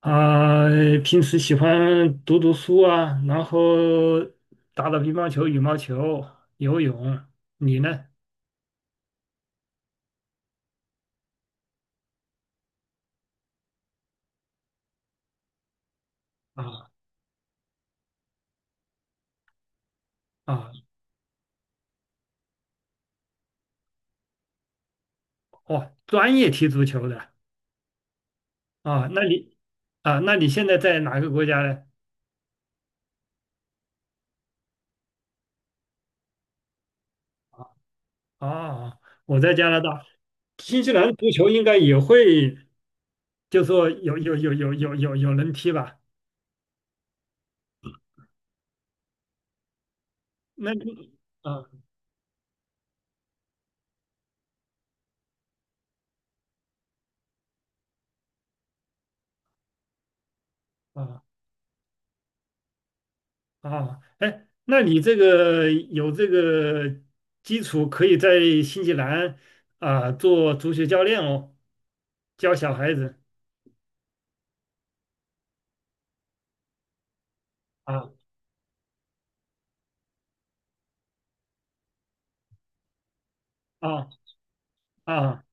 啊，平时喜欢读读书啊，然后打打乒乓球、羽毛球、游泳。你呢？啊啊，哦，专业踢足球的啊？那你现在在哪个国家呢？哦，我在加拿大，新西兰足球应该也会，就说有人踢吧？那你啊啊啊，哎，那你这个有这个基础，可以在新西兰做足球教练哦，教小孩子啊啊啊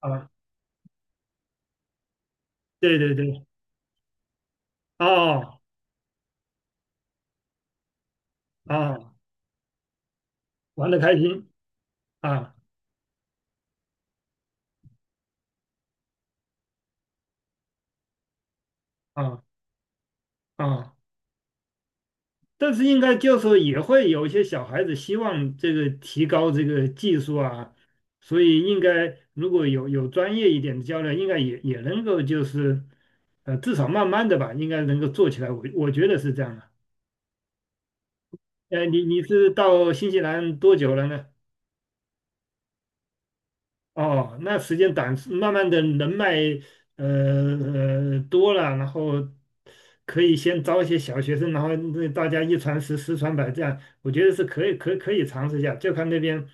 啊，对对对，哦啊，玩的开心啊啊啊。但是应该就是说也会有一些小孩子希望这个提高这个技术啊，所以应该如果有专业一点的教练，应该也能够就是至少慢慢的吧，应该能够做起来。我觉得是这样的。你是到新西兰多久了呢？哦，那时间短，慢慢的人脉呃多了，然后可以先招一些小学生，然后那大家一传十，十传百，这样我觉得是可以，可以尝试一下，就看那边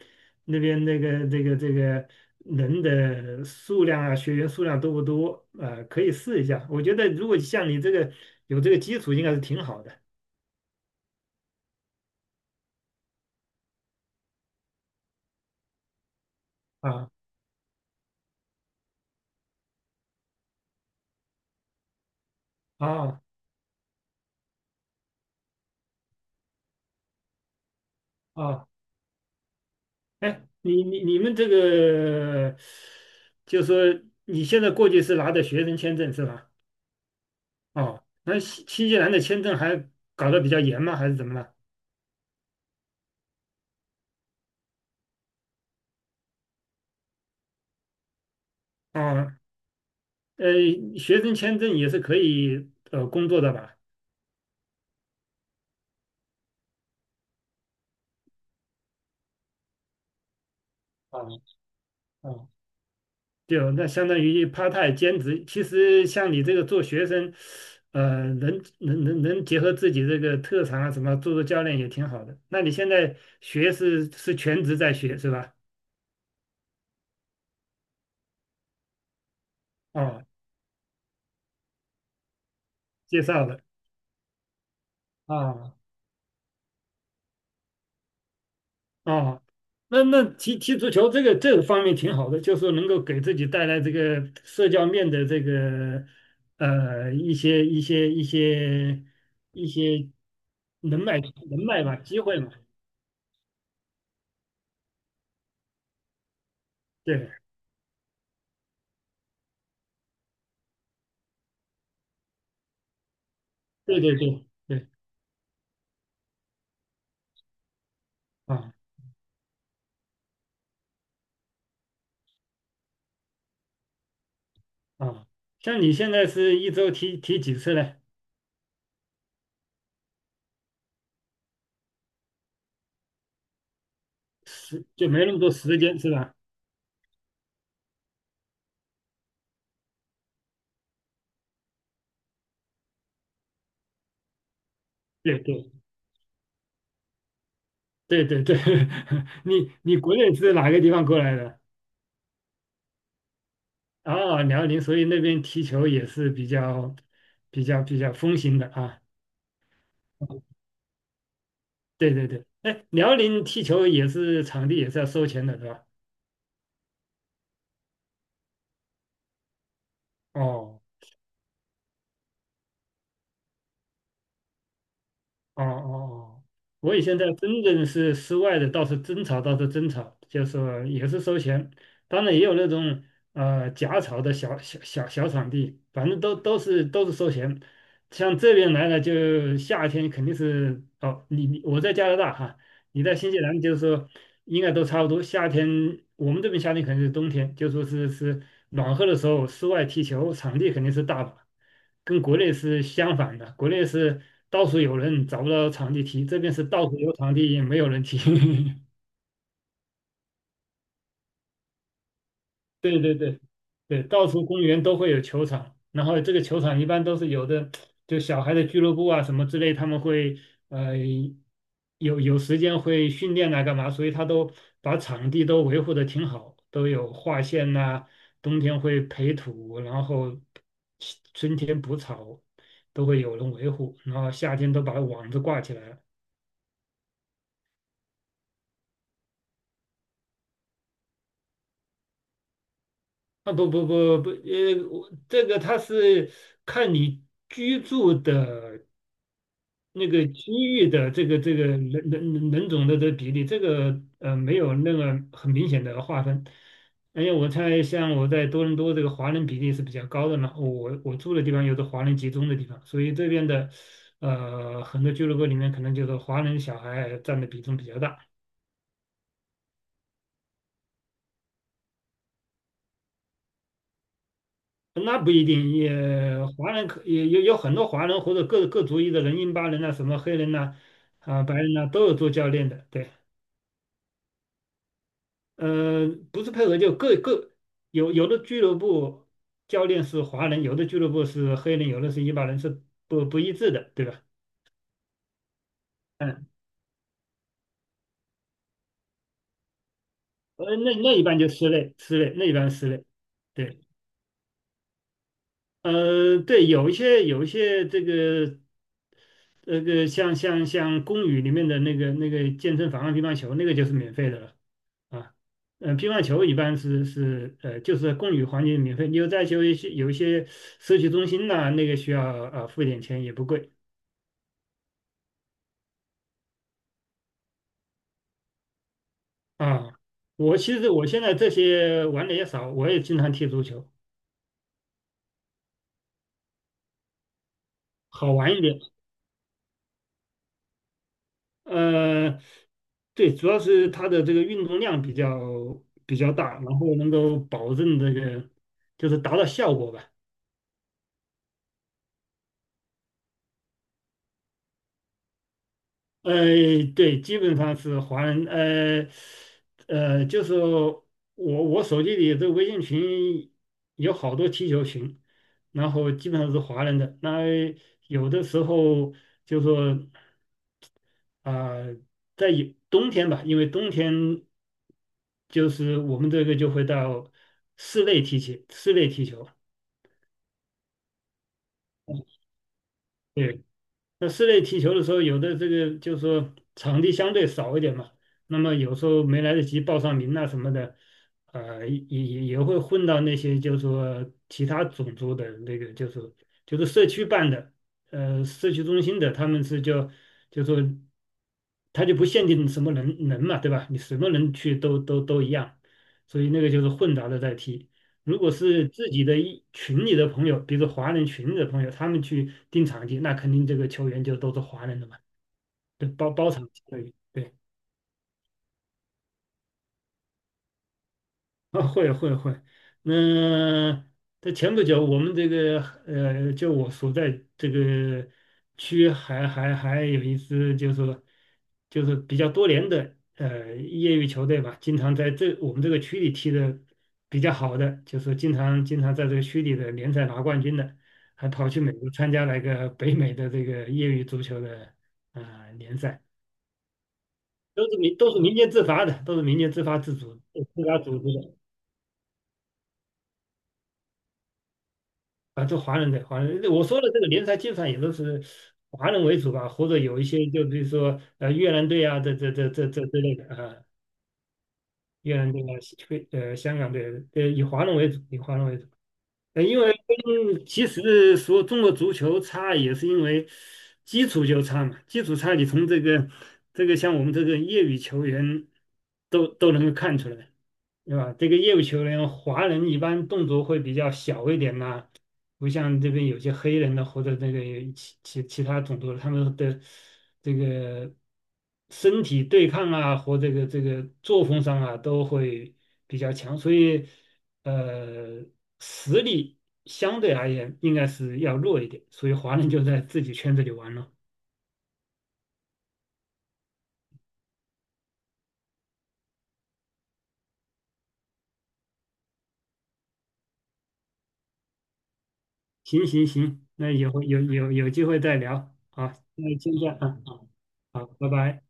那边那个这个这个人的数量啊，学员数量多不多啊，可以试一下。我觉得如果像你这个有这个基础，应该是挺好的啊啊啊。哎，你们这个，就说你现在过去是拿的学生签证是吧？哦，那新西兰的签证还搞得比较严吗？还是怎么了？哦，呃，学生签证也是可以工作的吧？哦哦，就那相当于 part time 兼职。其实像你这个做学生，能结合自己这个特长啊什么，做做教练也挺好的。那你现在学是全职在学是吧？哦，介绍的。啊啊，那踢踢足球这个方面挺好的，就是能够给自己带来这个社交面的这个呃一些一些一些一些人脉吧，机会嘛。对对对对对啊啊，像你现在是一周踢踢几次呢？时就没那么多时间是吧？对对对对对，你国内是哪个地方过来的？啊，辽宁，所以那边踢球也是比较风行的啊。对对对，哎，辽宁踢球也是场地也是要收钱的，是吧？哦哦哦哦，我以前在深圳是室外的，倒是真草，倒是真草，就是说也是收钱，当然也有那种假草的小场地，反正都是收钱。像这边来了，就夏天肯定是哦，你我在加拿大哈，你在新西兰就是说应该都差不多。夏天我们这边夏天肯定是冬天，就说是暖和的时候，室外踢球场地肯定是大把，跟国内是相反的。国内是到处有人找不到场地踢，这边是到处有场地也没有人踢。对对对对，到处公园都会有球场，然后这个球场一般都是有的，就小孩的俱乐部啊什么之类，他们会呃有时间会训练啊干嘛，所以他都把场地都维护的挺好，都有划线呐、冬天会培土，然后春天补草，都会有人维护，然后夏天都把网子挂起来了。啊不不不不，我这个它是看你居住的。那个区域的这个人种的这个比例，这个没有那个很明显的划分。而且我猜，像我在多伦多这个华人比例是比较高的呢，我住的地方有是华人集中的地方，所以这边的很多俱乐部里面可能就是华人小孩占的比重比较大。那不一定，也华人可也有很多华人或者各族裔的人，印巴人呐、什么黑人呐、白人呐、都有做教练的，对。不是配合，就有的俱乐部教练是华人，有的俱乐部是黑人，有的是伊巴人，是不一致的，对吧？嗯，那一般就室内，室内那一般室内，对，对，有一些这个，那个像公寓里面的那个健身房啊乒乓球那个就是免费的了。啊，嗯，乒乓球一般是就是公寓环境免费。你在有一些社区中心呐、那个需要付一点钱，也不贵啊。其实我现在这些玩的也少，我也经常踢足球，好玩一点。呃，对，主要是它的这个运动量比较大，然后能够保证这个就是达到效果吧。呃，对，基本上是华人，就是我手机里这个微信群有好多踢球群，然后基本上是华人的。那有的时候就说啊、呃有冬天吧，因为冬天就是我们这个就会到室内踢球，室内踢球。对。那室内踢球的时候，有的这个就是说场地相对少一点嘛，那么有时候没来得及报上名啊什么的，也会混到那些就是说其他种族的那个，就是社区办的，社区中心的，他们是叫就说他就不限定什么人嘛，对吧？你什么人去都一样，所以那个就是混杂的在踢。如果是自己的一群里的朋友，比如说华人群里的朋友，他们去订场地，那肯定这个球员就都是华人的嘛，对，包场球员对啊，会会会，那在前不久，我们这个就我所在这个区还有一支就是说就是比较多年的业余球队吧，经常在这我们这个区里踢的比较好的，就是经常在这个区里的联赛拿冠军的，还跑去美国参加了一个北美的这个业余足球的联赛，都是民间自发的，都是民间自发自主自发组织的。啊，就华人，我说的这个联赛基本上也都是华人为主吧，或者有一些就比如说越南队啊，这之类的啊，越南队啊，西非香港队，以华人为主，以华人为主。因为跟其实说中国足球差，也是因为基础就差嘛，基础差你从这个像我们这个业余球员都能够看出来。对吧？这个业务球员，华人一般动作会比较小一点呐、不像这边有些黑人的或者那个其他种族的，他们的这个身体对抗啊，和这个作风上啊，都会比较强，所以呃，实力相对而言应该是要弱一点，所以华人就在自己圈子里玩了。行行行，那以后有机会再聊，好，那先这样啊，好，好，拜拜。